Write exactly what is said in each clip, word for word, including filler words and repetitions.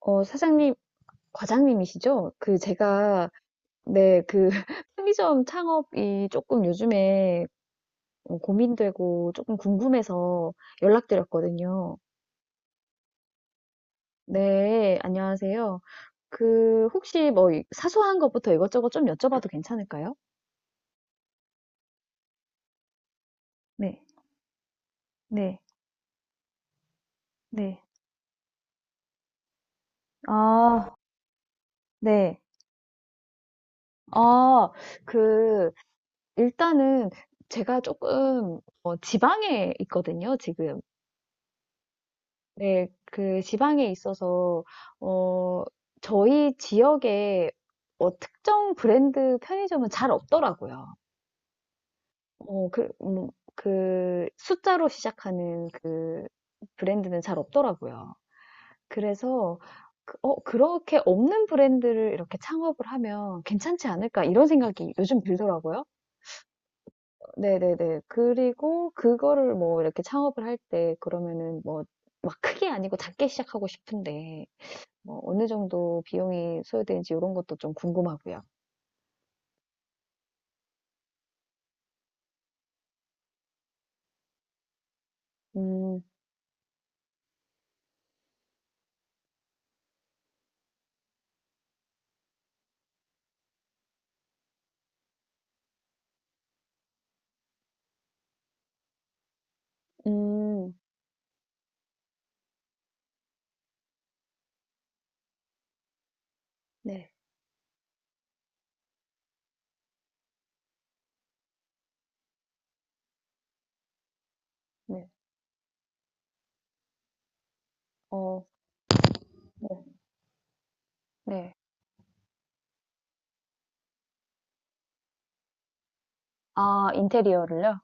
어, 사장님, 과장님이시죠? 그 제가 네, 그 편의점 창업이 조금 요즘에 어, 고민되고 조금 궁금해서 연락드렸거든요. 네, 안녕하세요. 그 혹시 뭐 이- 사소한 것부터 이것저것 좀 여쭤봐도 괜찮을까요? 네, 네, 네. 아, 네. 아, 그 일단은 제가 조금 어, 지방에 있거든요, 지금. 네, 그 지방에 있어서, 어, 저희 지역에 어, 특정 브랜드 편의점은 잘 없더라고요. 어, 그, 음, 그 숫자로 시작하는 그 브랜드는 잘 없더라고요. 그래서, 그- 어, 그렇게 없는 브랜드를 이렇게 창업을 하면 괜찮지 않을까, 이런 생각이 요즘 들더라고요. 네네네. 그리고 그거를 뭐 이렇게 창업을 할 때, 그러면은 뭐, 막 크게 아니고 작게 시작하고 싶은데, 뭐 어느 정도 비용이 소요되는지 이런 것도 좀 궁금하고요. 음, 음, 네, 네, 어, 네. 네. 아, 인테리어를요?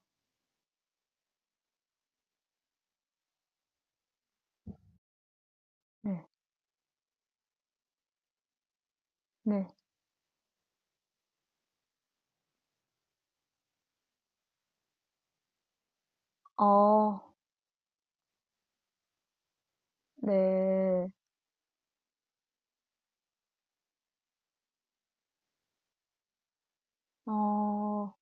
네. 네. 어, 네, 어,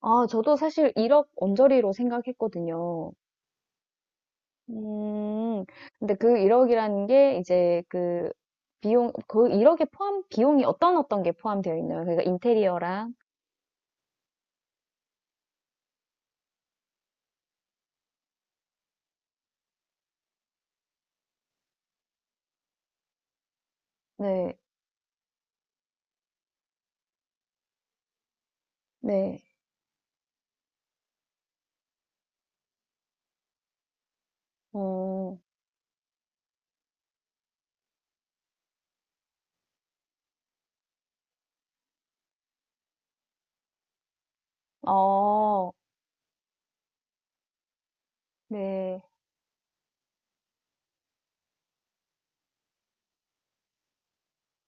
아, 저도 사실 일 억 언저리로 생각했거든요. 음. 근데 그 일 억이라는 게 이제 그 비용, 그 일 억에 포함, 비용이 어떤 어떤 게 포함되어 있나요? 그러니까 인테리어랑, 네. 네. 어, 어, 네.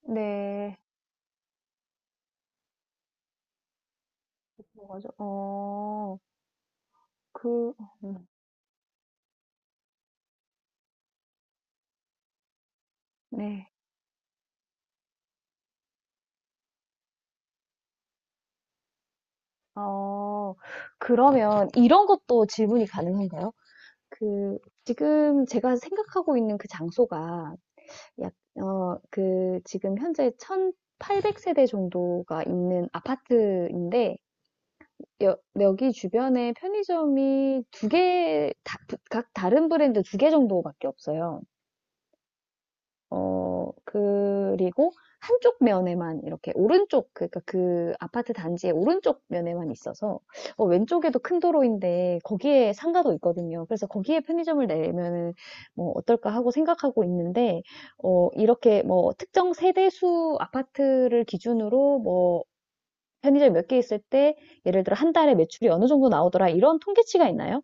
네. 그아 어, 그 음, 네. 어, 그러면 이런 것도 질문이 가능한가요? 그 지금 제가 생각하고 있는 그 장소가 약, 어, 그 지금 현재 천팔백 세대 정도가 있는 아파트인데 여, 여기 주변에 편의점이 두 개, 다, 각 다른 브랜드 두 개 정도밖에 없어요. 어, 그리고 한쪽 면에만 이렇게 오른쪽, 그러니까 그 아파트 단지의 오른쪽 면에만 있어서 어, 왼쪽에도 큰 도로인데 거기에 상가도 있거든요. 그래서 거기에 편의점을 내면은 뭐 어떨까 하고 생각하고 있는데 어, 이렇게 뭐 특정 세대수 아파트를 기준으로 뭐 편의점 몇 개 있을 때 예를 들어 한 달에 매출이 어느 정도 나오더라 이런 통계치가 있나요?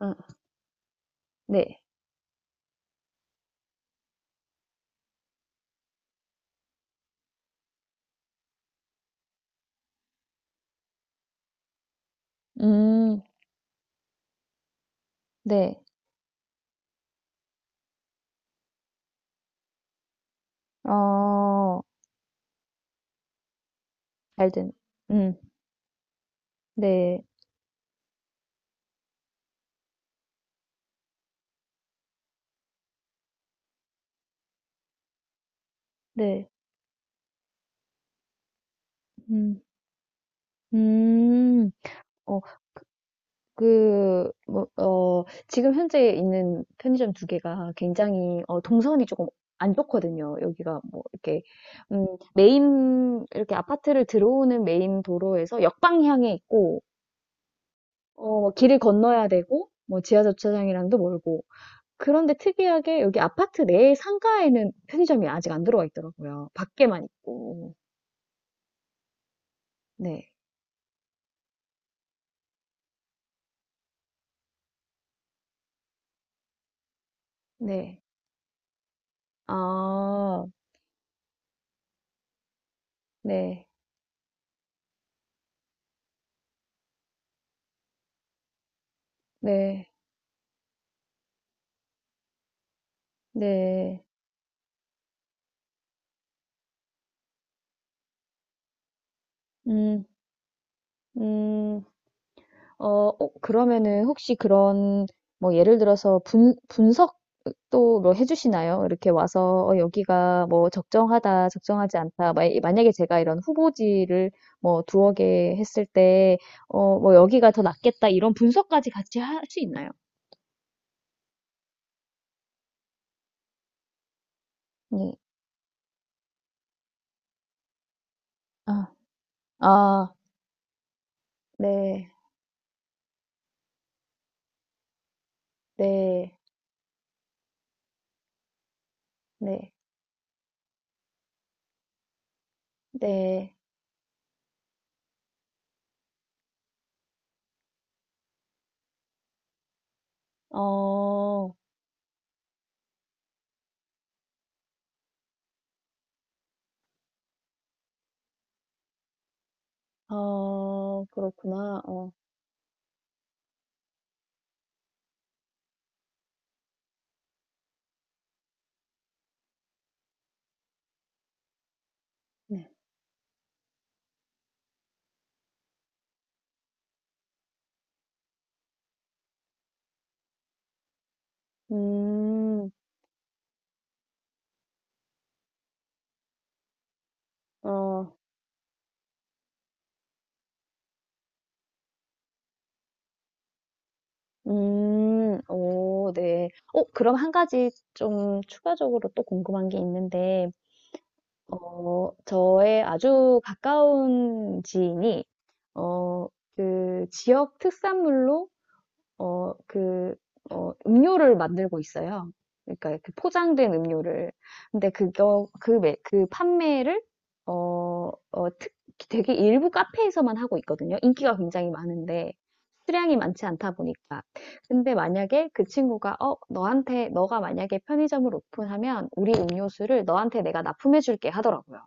아, 네. 음, 네. 어, 알든. 음, 네. 네. 음. 음. 어 그 뭐 어 지금 현재 있는 편의점 두 개가 굉장히 어 동선이 조금 안 좋거든요. 여기가 뭐 이렇게 음 메인 이렇게 아파트를 들어오는 메인 도로에서 역방향에 있고 어 뭐 길을 건너야 되고 뭐 지하 주차장이랑도 멀고. 그런데 특이하게 여기 아파트 내 상가에는 편의점이 아직 안 들어와 있더라고요. 밖에만 있고. 네. 네. 아. 네. 네. 네. 음, 음, 어, 어, 그러면은 혹시 그런, 뭐, 예를 들어서 분, 분석도 뭐 해주시나요? 이렇게 와서, 어, 여기가 뭐, 적정하다, 적정하지 않다. 마- 만약에 제가 이런 후보지를 뭐, 두어 개 했을 때, 어, 뭐, 여기가 더 낫겠다, 이런 분석까지 같이 할 수 있나요? 네. 아, 아, 네, 네, 네, 네. 어, 어, 그렇구나. 어, 네. 음. 어. 음. 오 네. 어 그럼 한 가지 좀 추가적으로 또 궁금한 게 있는데 어 저의 아주 가까운 지인이 어 그 지역 특산물로 어, 그, 어, 음료를 만들고 있어요. 그러니까 그 포장된 음료를. 근데 그거, 그, 매, 그 판매를, 어, 어, 특, 되게 일부 카페에서만 하고 있거든요. 인기가 굉장히 많은데, 수량이 많지 않다 보니까. 근데 만약에 그 친구가, 어, 너한테, 너가 만약에 편의점을 오픈하면 우리 음료수를 너한테 내가 납품해줄게 하더라고요.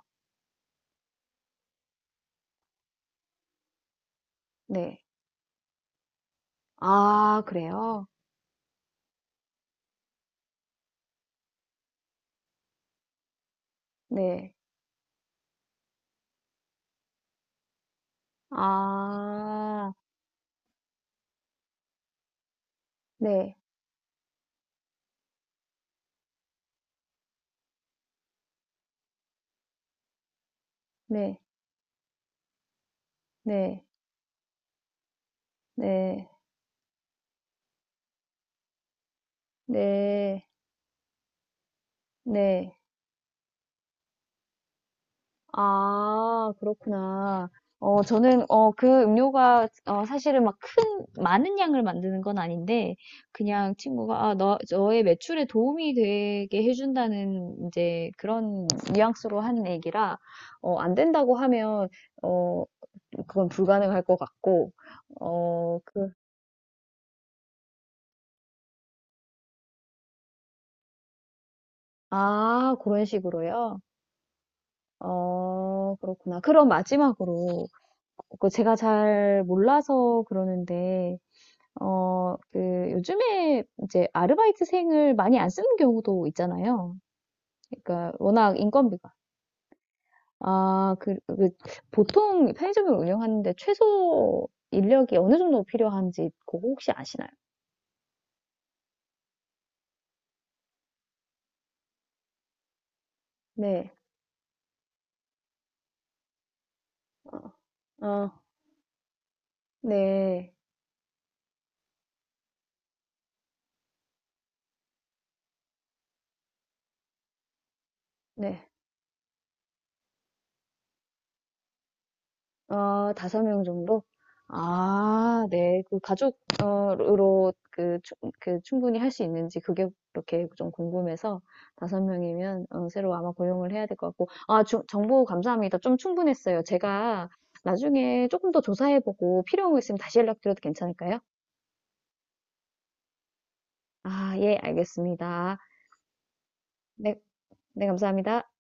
네. 아, 그래요? 네. 아, 네, 네, 네, 네. 네. 네. 아 그렇구나. 어 저는 어 그 음료가 어 사실은 막 큰 많은 양을 만드는 건 아닌데 그냥 친구가 아 "너 너의 매출에 도움이 되게 해 준다."는 이제 그런 뉘앙스로 한 얘기라 어 안 된다고 하면 어 그건 불가능할 것 같고 어 그 아 그런 식으로요? 어 그렇구나. 그럼 마지막으로 그 제가 잘 몰라서 그러는데, 어, 그 요즘에 이제 아르바이트생을 많이 안 쓰는 경우도 있잖아요. 그러니까 워낙 인건비가. 아, 그, 그 보통 편의점을 운영하는데 최소 인력이 어느 정도 필요한지 그거 혹시 아시나요? 네. 어, 어, 네. 네. 어, 다섯 명 정도? 아, 네. 그 가족, 어, 으로 그, 추- 그 충분히 할 수 있는지 그게 그렇게 좀 궁금해서 다섯 명이면 새로 아마 고용을 해야 될 것 같고. 아, 주- 정보 감사합니다. 좀 충분했어요. 제가 나중에 조금 더 조사해보고 필요한 거 있으면 다시 연락드려도 괜찮을까요? 아, 예, 알겠습니다. 네, 네, 감사합니다.